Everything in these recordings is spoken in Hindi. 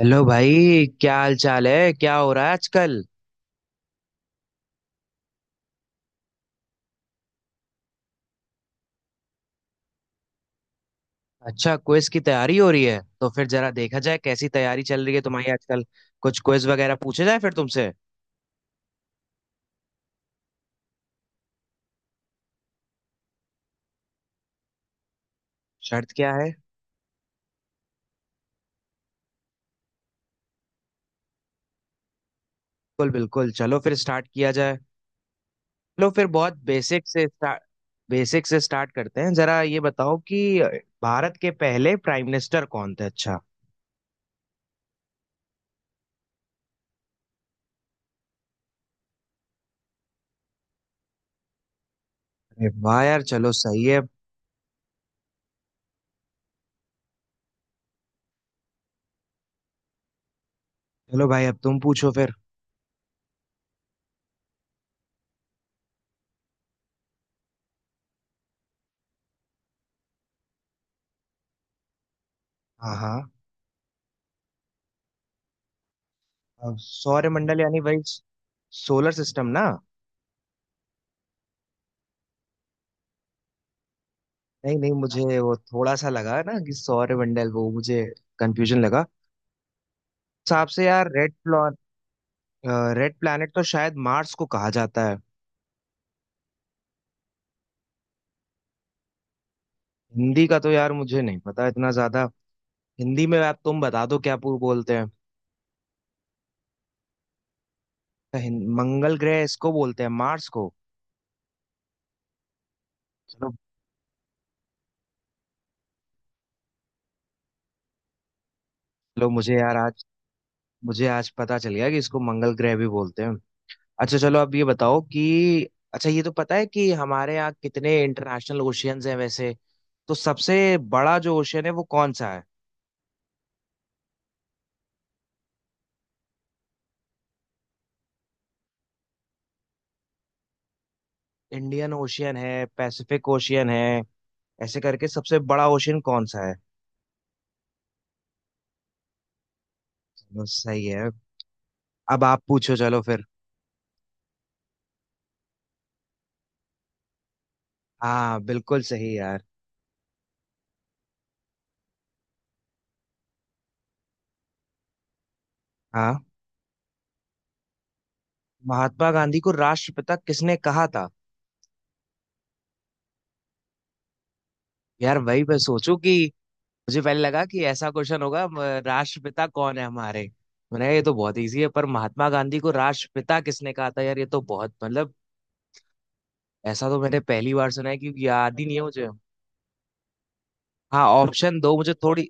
हेलो भाई, क्या हाल चाल है? क्या हो रहा है आजकल? अच्छा, क्विज की तैयारी हो रही है, तो फिर जरा देखा जाए कैसी तैयारी चल रही है तुम्हारी आजकल। कुछ क्विज वगैरह पूछे जाए फिर तुमसे। शर्त क्या है? बिल्कुल बिल्कुल, चलो फिर स्टार्ट किया जाए। चलो फिर बहुत बेसिक से स्टार्ट। बेसिक से स्टार्ट करते हैं। जरा ये बताओ कि भारत के पहले प्राइम मिनिस्टर कौन थे? अच्छा। अरे वाह यार, चलो सही है। चलो भाई, अब तुम पूछो फिर। हाँ, हाँ। अब सौरमंडल यानी वही सोलर सिस्टम ना? नहीं, नहीं, मुझे वो थोड़ा सा लगा ना कि सौर मंडल वो मुझे कंफ्यूजन लगा। हिसाब से यार रेड प्लैनेट तो शायद मार्स को कहा जाता है। हिंदी का तो यार मुझे नहीं पता इतना ज्यादा। हिंदी में आप तुम बता दो क्या पू बोलते हैं। तो मंगल ग्रह इसको बोलते हैं मार्स को। चलो। चलो, मुझे आज पता चल गया कि इसको मंगल ग्रह भी बोलते हैं। अच्छा, चलो अब ये बताओ कि अच्छा, ये तो पता है कि हमारे यहाँ कितने इंटरनेशनल ओशियंस हैं वैसे। तो सबसे बड़ा जो ओशियन है वो कौन सा है? इंडियन ओशियन है, पैसिफिक ओशियन है, ऐसे करके सबसे बड़ा ओशियन कौन सा है? चलो, सही है। अब आप पूछो, चलो फिर। हाँ, बिल्कुल सही यार। हाँ। महात्मा गांधी को राष्ट्रपिता किसने कहा था? यार वही मैं सोचूं कि मुझे पहले लगा कि ऐसा क्वेश्चन होगा, राष्ट्रपिता कौन है हमारे। मैंने, ये तो बहुत इजी है, पर महात्मा गांधी को राष्ट्रपिता किसने कहा था, यार ये तो बहुत मतलब, ऐसा तो मैंने पहली बार सुना है क्योंकि याद ही नहीं है मुझे। हाँ, ऑप्शन दो मुझे थोड़ी।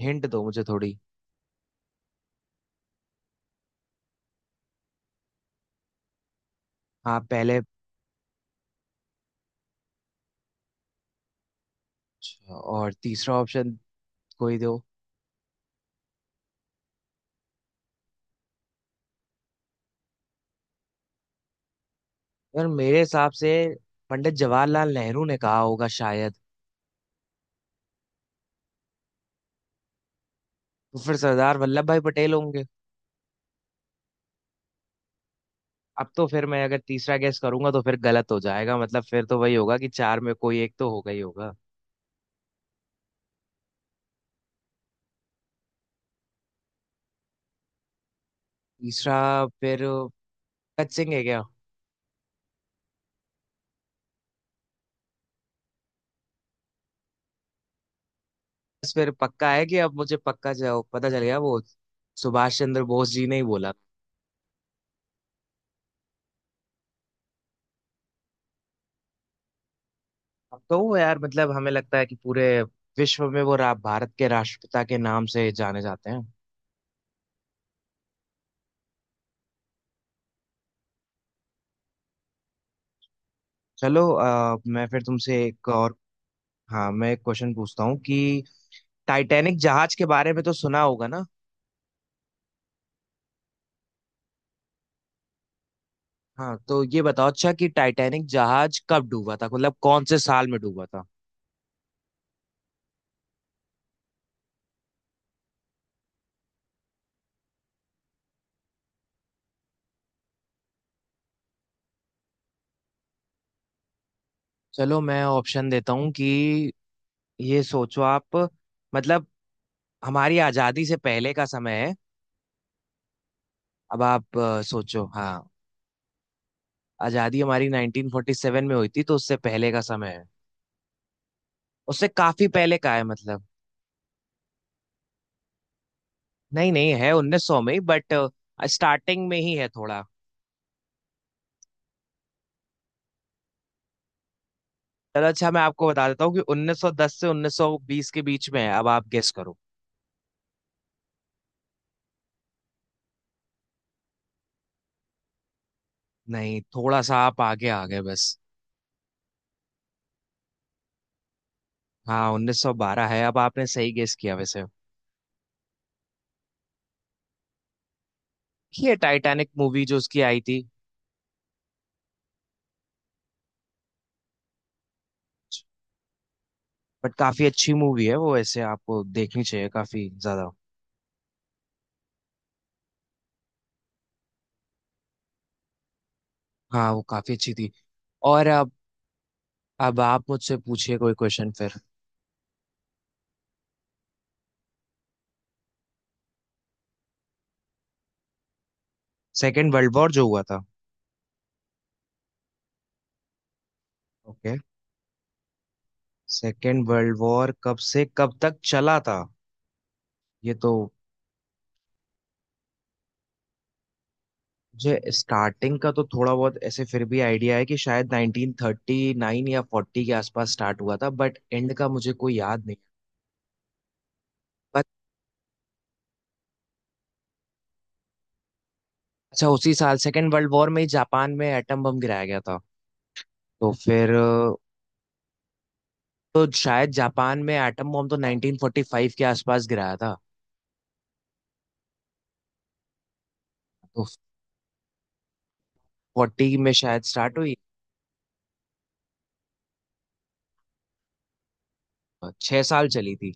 हिंट दो मुझे थोड़ी। हाँ, पहले। अच्छा, और तीसरा ऑप्शन? कोई दो। यार, मेरे हिसाब से पंडित जवाहरलाल नेहरू ने कहा होगा शायद। तो फिर सरदार वल्लभ भाई पटेल होंगे। अब तो फिर मैं अगर तीसरा गेस करूंगा तो फिर गलत हो जाएगा, मतलब फिर तो वही होगा कि चार में कोई एक तो होगा ही होगा। तीसरा फिर भगत सिंह है क्या? बस फिर पक्का है कि अब मुझे पक्का पता चल गया वो सुभाष चंद्र बोस जी ने ही बोला। अब तो वो यार मतलब हमें लगता है कि पूरे विश्व में वो भारत के राष्ट्रपिता के नाम से जाने जाते हैं। चलो मैं फिर तुमसे एक और। हाँ, मैं एक क्वेश्चन पूछता हूँ कि टाइटैनिक जहाज के बारे में तो सुना होगा ना? हाँ, तो ये बताओ अच्छा कि टाइटैनिक जहाज कब डूबा था, मतलब कौन से साल में डूबा था? चलो मैं ऑप्शन देता हूँ कि ये सोचो आप, मतलब हमारी आज़ादी से पहले का समय है। अब आप सोचो हाँ। आज़ादी हमारी 1947 में हुई थी तो उससे पहले का समय है। उससे काफी पहले का है मतलब। नहीं, नहीं, है 1900 में ही, बट स्टार्टिंग में ही है थोड़ा। चलो अच्छा, मैं आपको बता देता हूँ कि 1910 से 1920 के बीच में है, अब आप गेस करो। नहीं, थोड़ा सा आप आगे आ गए बस। हाँ, 1912 है। अब आपने सही गेस किया वैसे। ये टाइटैनिक मूवी जो उसकी आई थी, बट काफी अच्छी मूवी है वो, ऐसे आपको देखनी चाहिए काफी ज्यादा। हाँ, वो काफी अच्छी थी। और अब आप मुझसे पूछिए कोई क्वेश्चन फिर। सेकेंड वर्ल्ड वॉर जो हुआ था। ओके। सेकेंड वर्ल्ड वॉर कब से कब तक चला था? ये तो, मुझे स्टार्टिंग का तो थोड़ा बहुत ऐसे फिर भी आइडिया है कि शायद 1939 या 40 के आसपास स्टार्ट हुआ था, बट एंड का मुझे कोई याद नहीं। बट अच्छा, उसी साल सेकेंड वर्ल्ड वॉर में ही जापान में एटम बम गिराया गया था। तो फिर तो शायद जापान में एटम बम तो 1945 के आसपास गिराया था। तो 40 में शायद स्टार्ट हुई। 6 साल चली थी।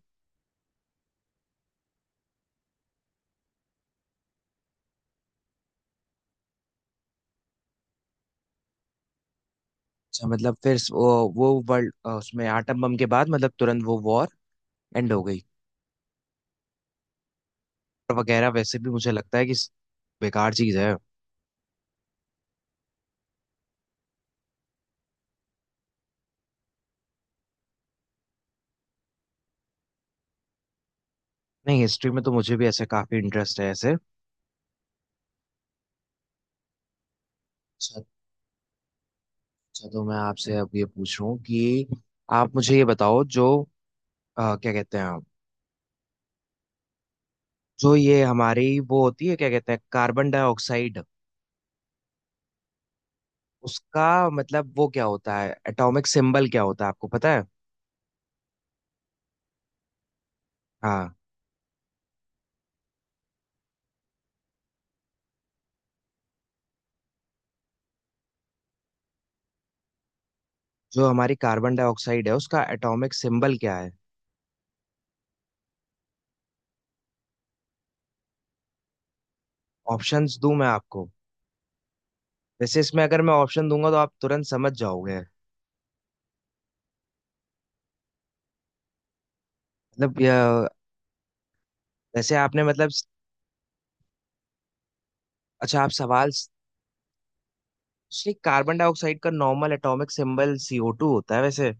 अच्छा, मतलब फिर वो वर्ल्ड उसमें एटम बम के बाद मतलब तुरंत वो वॉर एंड हो गई। और वगैरह वैसे भी मुझे लगता है कि बेकार चीज है। नहीं, हिस्ट्री में तो मुझे भी ऐसे काफी इंटरेस्ट है ऐसे। अच्छा। अच्छा, तो मैं आपसे अब ये पूछ रहा हूँ कि आप मुझे ये बताओ, जो क्या कहते हैं आप, जो ये हमारी वो होती है, क्या कहते हैं, कार्बन डाइऑक्साइड, उसका मतलब वो क्या होता है, एटॉमिक सिंबल क्या होता है आपको पता है? हाँ। जो हमारी कार्बन डाइऑक्साइड है उसका एटॉमिक सिंबल क्या है? ऑप्शंस दूं मैं आपको? वैसे इसमें अगर मैं ऑप्शन दूंगा तो आप तुरंत समझ जाओगे। मतलब वैसे आपने मतलब, अच्छा आप सवाल, एक्चुअली कार्बन डाइऑक्साइड का नॉर्मल एटॉमिक सिंबल CO2 होता है वैसे।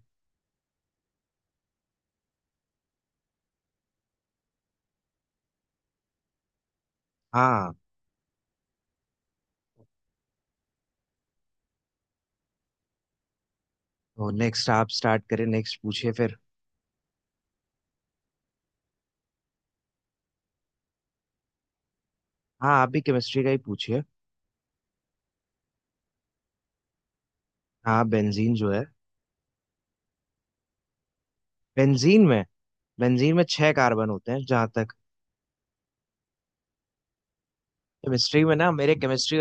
हाँ, तो नेक्स्ट आप स्टार्ट करें, नेक्स्ट पूछिए फिर। हाँ, आप भी केमिस्ट्री का ही पूछिए। हाँ, बेंजीन जो है, बेंजीन में, बेंजीन में 6 कार्बन होते हैं जहाँ तक। केमिस्ट्री में ना, मेरे केमिस्ट्री।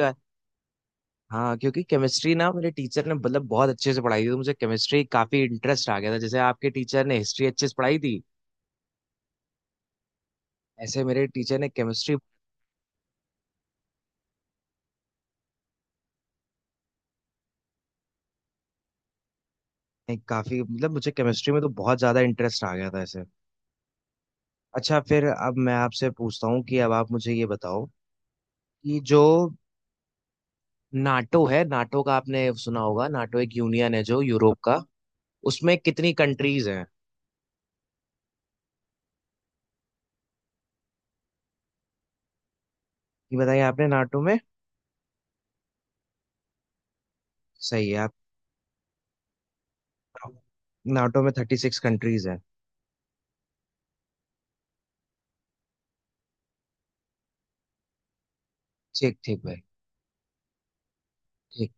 हाँ, क्योंकि केमिस्ट्री ना मेरे टीचर ने मतलब बहुत अच्छे से पढ़ाई थी, तो मुझे केमिस्ट्री काफी इंटरेस्ट आ गया था, जैसे आपके टीचर ने हिस्ट्री अच्छे से पढ़ाई थी, ऐसे मेरे टीचर ने केमिस्ट्री। काफी मतलब मुझे केमिस्ट्री में तो बहुत ज्यादा इंटरेस्ट आ गया था ऐसे। अच्छा, फिर अब मैं आपसे पूछता हूँ कि अब आप मुझे ये बताओ कि जो नाटो है, नाटो का आपने सुना होगा, नाटो एक यूनियन है जो यूरोप का, उसमें कितनी कंट्रीज हैं? ये बताइए आपने। नाटो में सही है आप। नाटो में 36 कंट्रीज हैं। ठीक ठीक भाई। ठीक।